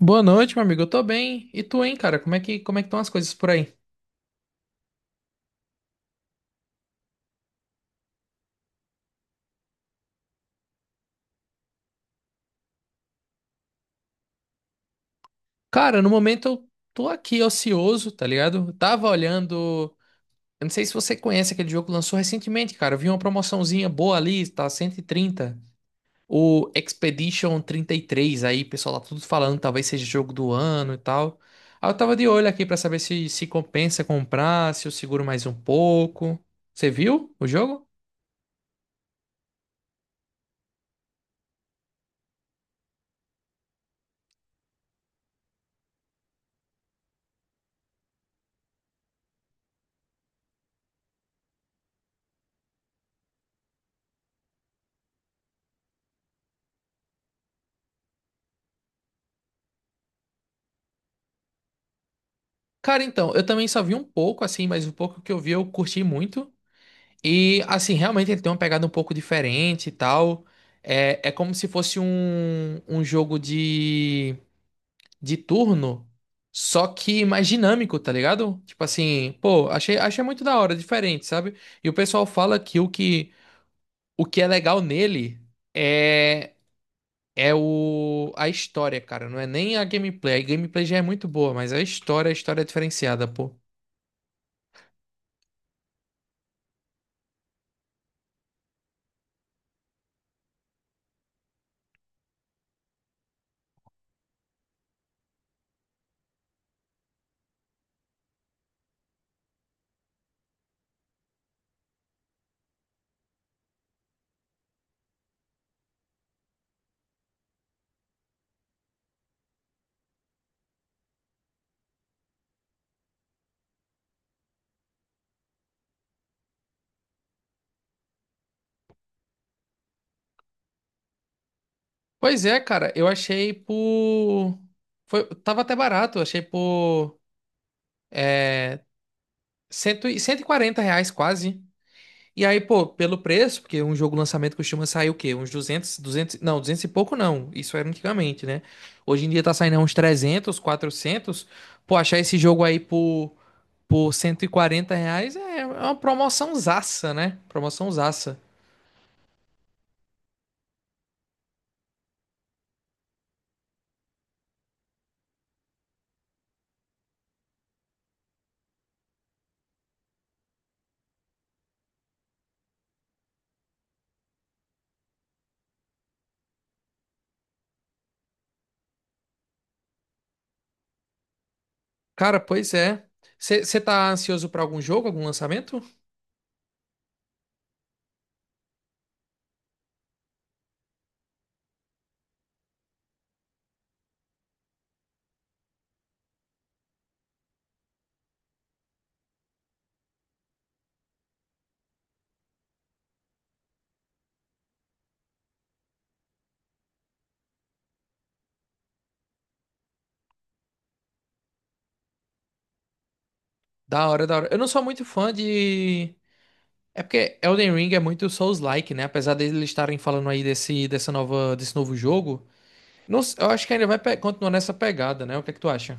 Boa noite, meu amigo. Eu tô bem. E tu, hein, cara? Como é que estão as coisas por aí? Cara, no momento eu tô aqui ocioso, tá ligado? Eu tava olhando. Eu não sei se você conhece aquele jogo que lançou recentemente, cara. Eu vi uma promoçãozinha boa ali, tá 130. O Expedition 33, aí, o pessoal, tá tudo falando, talvez seja jogo do ano e tal. Aí eu tava de olho aqui pra saber se compensa comprar, se eu seguro mais um pouco. Você viu o jogo? Cara, então, eu também só vi um pouco, assim, mas o pouco que eu vi eu curti muito. E assim, realmente ele tem uma pegada um pouco diferente e tal. É como se fosse um jogo de turno, só que mais dinâmico, tá ligado? Tipo assim, pô, achei muito da hora, diferente, sabe? E o pessoal fala que o que é legal nele é, é a história, cara. Não é nem a gameplay. A gameplay já é muito boa, mas a história é diferenciada, pô. Pois é, cara, eu achei por. Foi, tava até barato, eu achei por cento e quarenta reais quase. E aí, pô, pelo preço, porque um jogo lançamento costuma sair o quê? Uns 200 200 não, 200 e pouco não. Isso era antigamente, né? Hoje em dia tá saindo uns 300 quatrocentos. Pô, achar esse jogo aí por 140 reais é uma promoção zaça, né? Promoção zaça. Cara, pois é. Você tá ansioso pra algum jogo, algum lançamento? Da hora, da hora. Eu não sou muito fã de. É porque Elden Ring é muito Souls-like, né? Apesar deles estarem falando aí desse, dessa nova, desse novo jogo, não s- eu acho que ainda continuar nessa pegada, né? O que é que tu acha?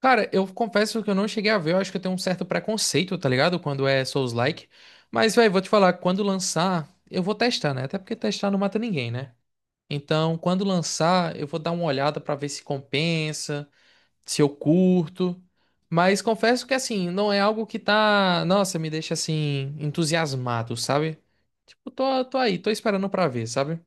Cara, eu confesso que eu não cheguei a ver, eu acho que eu tenho um certo preconceito, tá ligado? Quando é Souls-like. Mas, velho, vou te falar, quando lançar, eu vou testar, né? Até porque testar não mata ninguém, né? Então, quando lançar, eu vou dar uma olhada pra ver se compensa. Se eu curto. Mas confesso que assim, não é algo que tá, nossa, me deixa assim entusiasmado, sabe? Tipo, tô aí, tô esperando pra ver, sabe?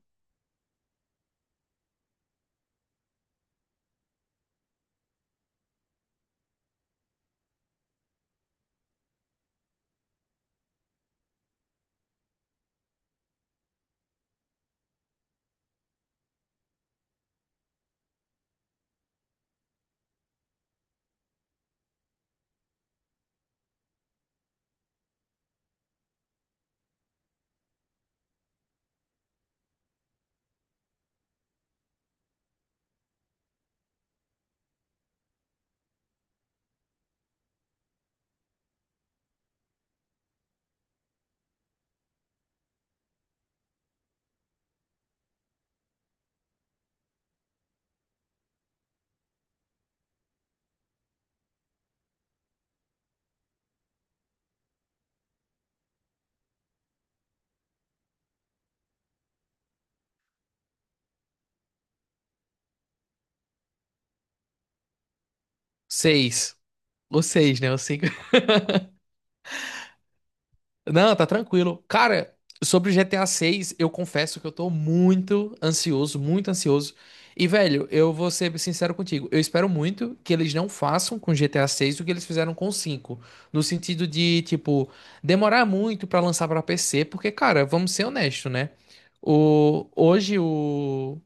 Seis. O seis, né? O Não, tá tranquilo. Cara, sobre GTA 6, eu confesso que eu tô muito ansioso, muito ansioso. E, velho, eu vou ser sincero contigo. Eu espero muito que eles não façam com GTA 6 o que eles fizeram com o cinco. No sentido de, tipo, demorar muito pra lançar pra PC, porque, cara, vamos ser honestos, né? O, hoje o,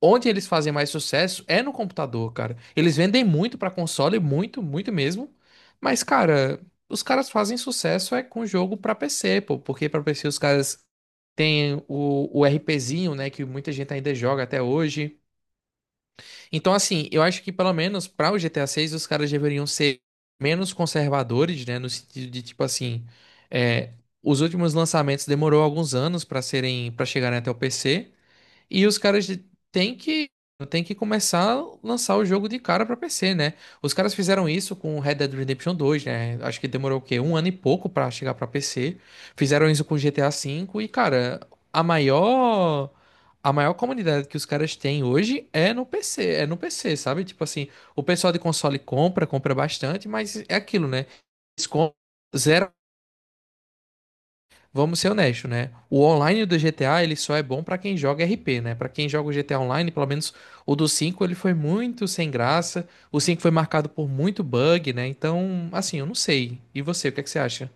Onde eles fazem mais sucesso é no computador, cara. Eles vendem muito pra console, muito, muito mesmo. Mas, cara, os caras fazem sucesso é com jogo pra PC, pô, porque pra PC os caras têm o RPzinho, né, que muita gente ainda joga até hoje. Então, assim, eu acho que pelo menos pra o GTA 6 os caras deveriam ser menos conservadores, né, no sentido de tipo assim, é, os últimos lançamentos demorou alguns anos pra serem, para chegarem até o PC. E os caras têm que, têm que começar a lançar o jogo de cara pra PC, né? Os caras fizeram isso com Red Dead Redemption 2, né? Acho que demorou o quê? Um ano e pouco pra chegar pra PC. Fizeram isso com GTA V e, cara, a maior. A maior comunidade que os caras têm hoje é no PC, é no PC, sabe? Tipo assim, o pessoal de console compra, compra bastante, mas é aquilo, né? Eles compram. Vamos ser honestos, né? O online do GTA, ele só é bom pra quem joga RP, né? Pra quem joga o GTA Online, pelo menos o do 5 ele foi muito sem graça. O 5 foi marcado por muito bug, né? Então, assim, eu não sei. E você, o que é que você acha?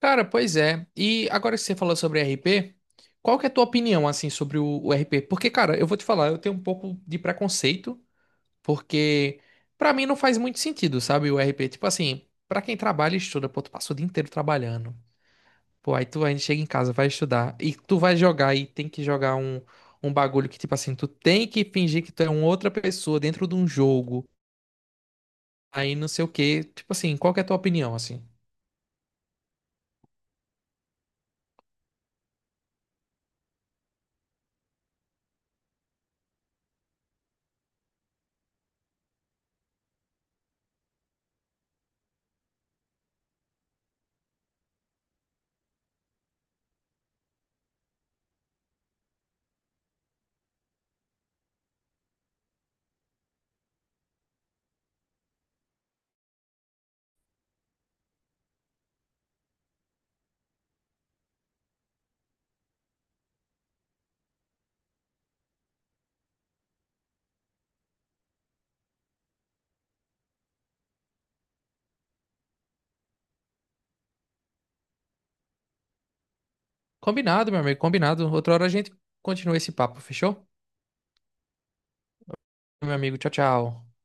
Cara, pois é. E agora que você falou sobre RP, qual que é a tua opinião, assim, sobre o RP? Porque, cara, eu vou te falar, eu tenho um pouco de preconceito, porque pra mim não faz muito sentido, sabe? O RP, tipo assim, pra quem trabalha e estuda, pô, tu passa o dia inteiro trabalhando. Pô, aí tu ainda chega em casa, vai estudar e tu vai jogar e tem que jogar um bagulho que, tipo assim, tu tem que fingir que tu é uma outra pessoa dentro de um jogo, aí não sei o quê. Tipo assim, qual que é a tua opinião, assim? Combinado, meu amigo, combinado. Outra hora a gente continua esse papo, fechou? Meu amigo, tchau, tchau.